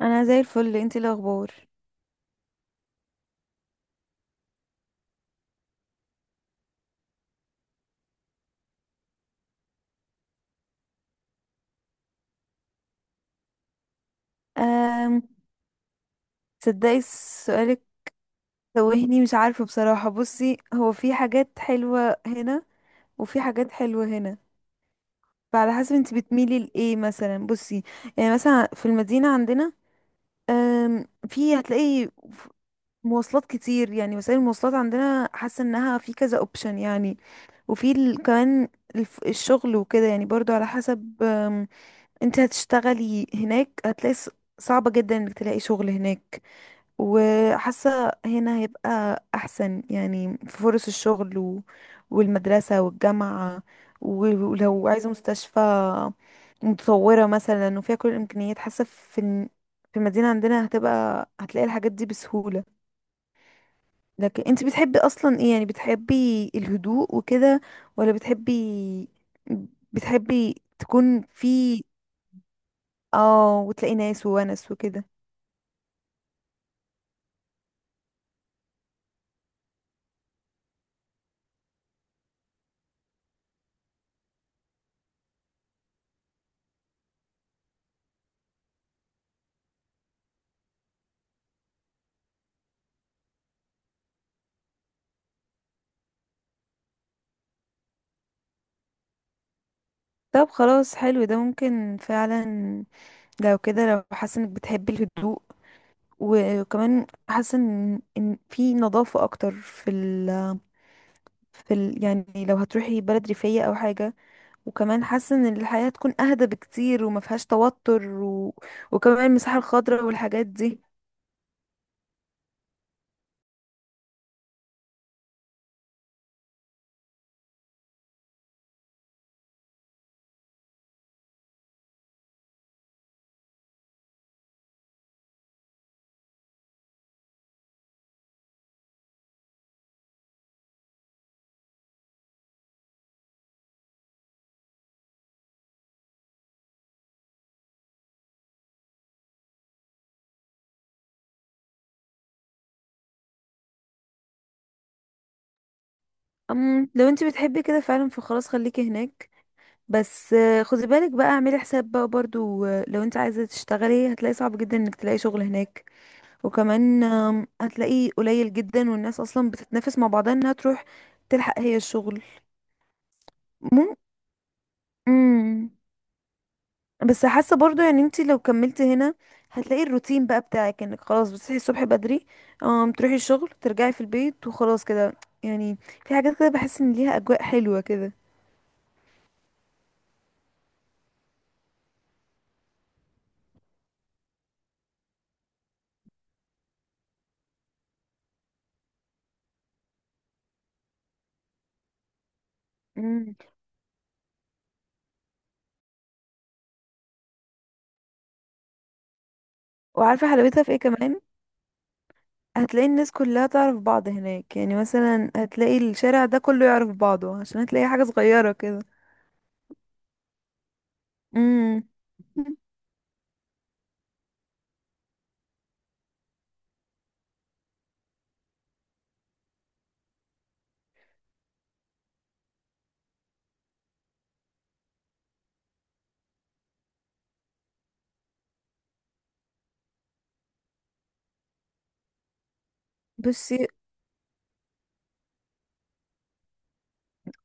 انا زي الفل، انتي إيه الاخبار؟ أم تصدقي سؤالك، توهني مش عارفه بصراحه. بصي، هو في حاجات حلوه هنا وفي حاجات حلوه هنا. فعلى حسب انتي بتميلي لايه مثلا. بصي، يعني مثلا في المدينه عندنا، أم في هتلاقي ف- مواصلات كتير، يعني وسائل المواصلات عندنا حاسه انها في كذا اوبشن. يعني كمان الشغل وكده، يعني برضو على حسب. انتي هتشتغلي هناك، هتلاقي صعبه جدا انك تلاقي شغل هناك. وحاسة هنا هيبقى أحسن، يعني في فرص الشغل والمدرسة والجامعة. ولو عايزة مستشفى متطورة مثلا وفيها كل الإمكانيات، حاسة في المدينة عندنا هتبقى هتلاقي الحاجات دي بسهولة. لكن انت بتحبي أصلا ايه؟ يعني بتحبي الهدوء وكده، ولا بتحبي تكون في، اه، وتلاقي ناس وونس وكده؟ طب خلاص، حلو ده ممكن فعلا. لو كده، لو حاسه انك بتحبي الهدوء، وكمان حاسه ان في نظافه اكتر في ال في ال يعني لو هتروحي بلد ريفيه او حاجه. وكمان حاسه ان الحياه تكون اهدى بكتير، وما فيهاش توتر، وكمان المساحه الخضراء والحاجات دي. لو انت بتحبي كده فعلا، فخلاص خليكي هناك. بس خدي بالك بقى، اعملي حساب بقى برضو، لو انت عايزه تشتغلي، هتلاقي صعب جدا انك تلاقي شغل هناك. وكمان هتلاقيه قليل جدا، والناس اصلا بتتنافس مع بعضها انها تروح تلحق هي الشغل. مم. مم. بس حاسه برضو، يعني انت لو كملتي هنا، هتلاقي الروتين بقى بتاعك انك خلاص بتصحي الصبح بدري، تروحي الشغل، ترجعي في البيت، وخلاص كده. يعني في حاجات كده بحس ان ليها اجواء حلوه كده. مم. وعارفه حلاوتها في ايه كمان؟ هتلاقي الناس كلها تعرف بعض هناك. يعني مثلا هتلاقي الشارع ده كله يعرف بعضه، عشان هتلاقي حاجه صغيره كده. امم. بس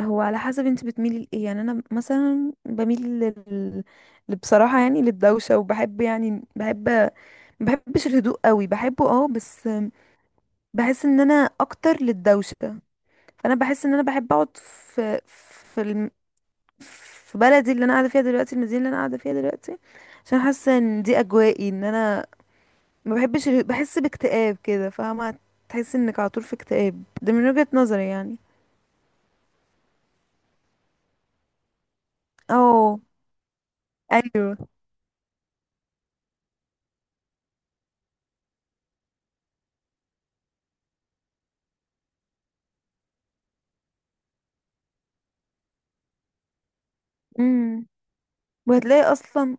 هو على حسب انت بتميلي لايه. يعني انا مثلا بميل بصراحه، يعني للدوشه. وبحب، يعني بحب، ما بحبش الهدوء قوي، بحبه اه، بس بحس ان انا اكتر للدوشه. فانا بحس ان انا بحب اقعد في بلدي اللي انا قاعده فيها دلوقتي، المدينه اللي انا قاعده فيها دلوقتي. عشان حاسه ان دي اجوائي، ان انا ما بحبش بحس باكتئاب كده، فاهمه. تحس انك على طول في اكتئاب، ده من وجهه نظري يعني. اه. ايوه. امم. وهتلاقي اصلا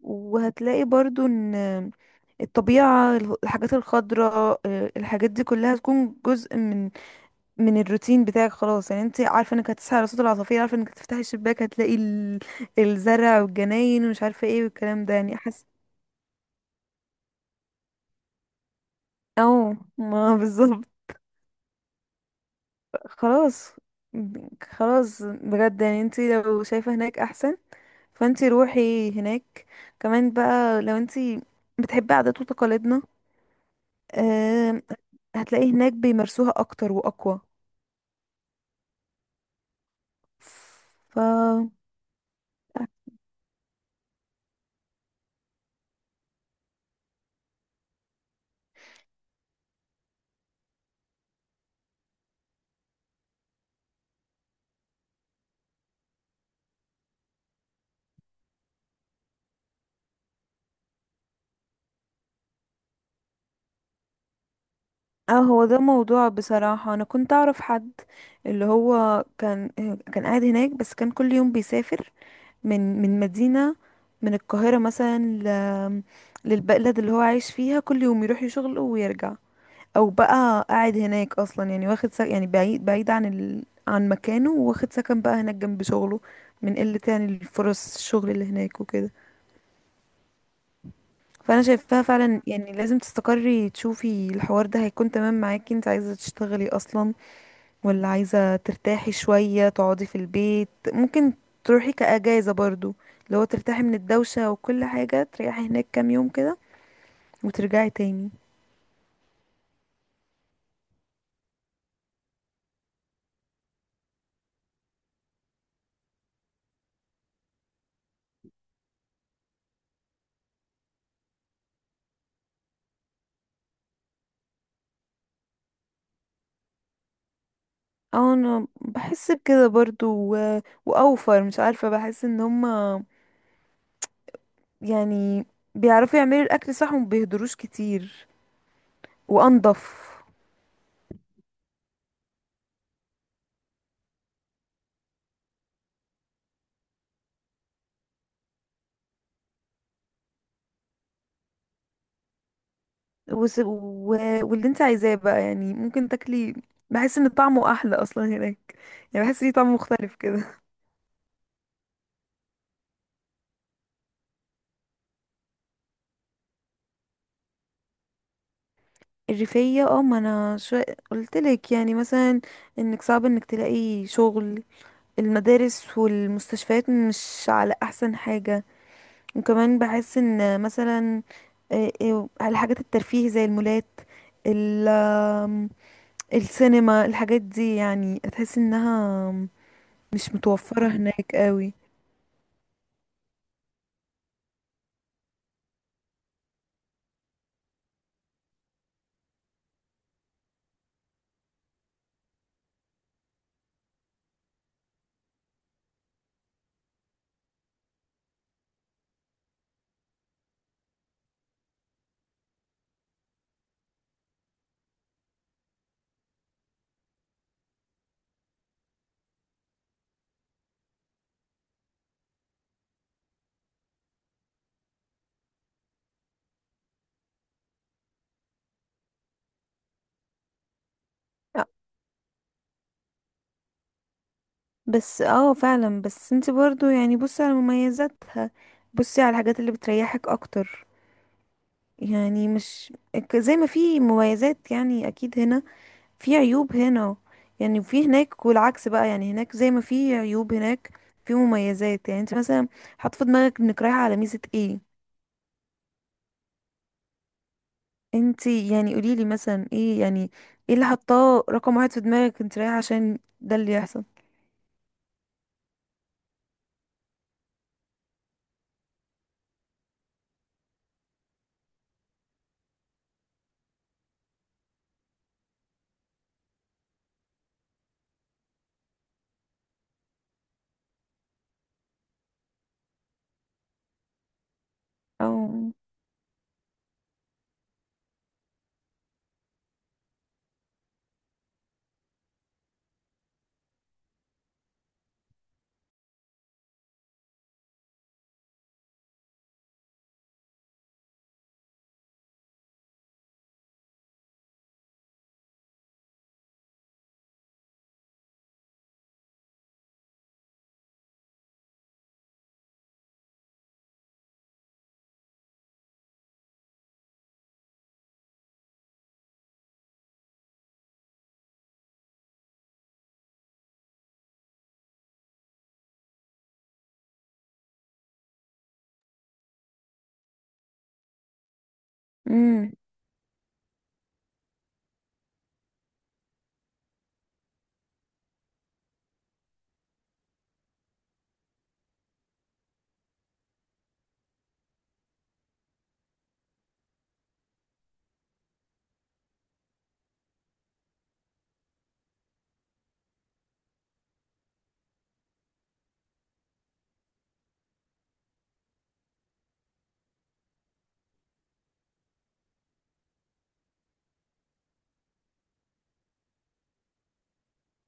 وهتلاقي برضو ان الطبيعة، الحاجات الخضراء، الحاجات دي كلها تكون جزء من الروتين بتاعك. خلاص، يعني انت عارفة انك هتصحي على صوت العصافير، عارفة انك تفتحي الشباك هتلاقي الزرع والجناين ومش عارفة ايه والكلام ده. يعني حاسة. او ما بالظبط. خلاص. خلاص بجد، يعني انت لو شايفة هناك احسن، فانت روحي هناك. كمان بقى لو انت بتحبي عادات وتقاليدنا، آه، هتلاقيه هناك بيمارسوها اكتر واقوى. ف اه هو ده موضوع. بصراحة انا كنت اعرف حد اللي هو كان، كان قاعد هناك، بس كان كل يوم بيسافر من من مدينة من القاهرة مثلا للبلد اللي هو عايش فيها، كل يوم يروح يشغله ويرجع. او بقى قاعد هناك اصلا، يعني واخد يعني بعيد بعيد عن عن مكانه، واخد سكن بقى هناك جنب شغله، من قلة يعني الفرص الشغل اللي هناك وكده. فانا شايفاها فعلا، يعني لازم تستقري تشوفي الحوار ده هيكون تمام معاكي. انت عايزه تشتغلي اصلا ولا عايزه ترتاحي شويه، تقعدي في البيت؟ ممكن تروحي كاجازه برضو، لو ترتاحي من الدوشه وكل حاجه، تريحي هناك كام يوم كده وترجعي تاني. اه انا بحس بكده برضو و... واوفر، مش عارفه. بحس ان هما، يعني، بيعرفوا يعملوا الاكل صح، ومبيهدروش كتير، وانضف. وس... و... واللي انت عايزاه بقى، يعني ممكن تاكلي، بحس ان طعمه احلى اصلا هناك. يعني بحس ليه طعم مختلف كده. الريفية، اه، ما انا شو قلتلك يعني مثلا، انك صعب انك تلاقي شغل، المدارس والمستشفيات مش على احسن حاجة. وكمان بحس ان مثلا، على الحاجات الترفيه زي المولات، ال آم، السينما، الحاجات دي يعني تحس انها مش متوفرة هناك قوي. بس اه فعلا، بس انت برضو يعني بصي على مميزاتها، بصي على الحاجات اللي بتريحك اكتر. يعني مش زي ما في مميزات، يعني اكيد هنا في عيوب هنا، يعني في هناك، والعكس بقى، يعني هناك زي ما في عيوب هناك في مميزات. يعني انت مثلا حاطه في دماغك انك رايحه على ميزه ايه؟ انت يعني قوليلي مثلا ايه، يعني ايه اللي حطاه رقم واحد في دماغك انت رايحه عشان ده اللي يحصل. او مم.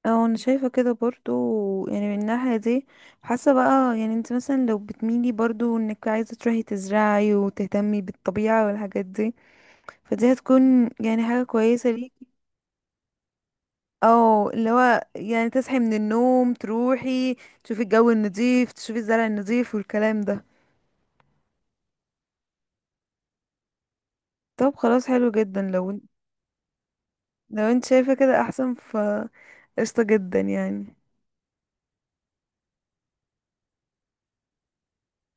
اه انا شايفة كده برضو، يعني من الناحية دي حاسة بقى، يعني انت مثلا لو بتميلي برضو انك عايزة تروحي تزرعي وتهتمي بالطبيعة والحاجات دي، فدي هتكون يعني حاجة كويسة ليكي. او اللي هو يعني تصحي من النوم تروحي تشوفي الجو النظيف، تشوفي الزرع النظيف، والكلام ده. طب خلاص، حلو جدا. لو لو انت شايفة كده احسن، ف قشطة جدا يعني.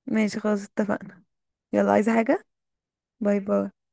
ماشي خلاص اتفقنا. يلا، عايزة حاجة؟ باي باي.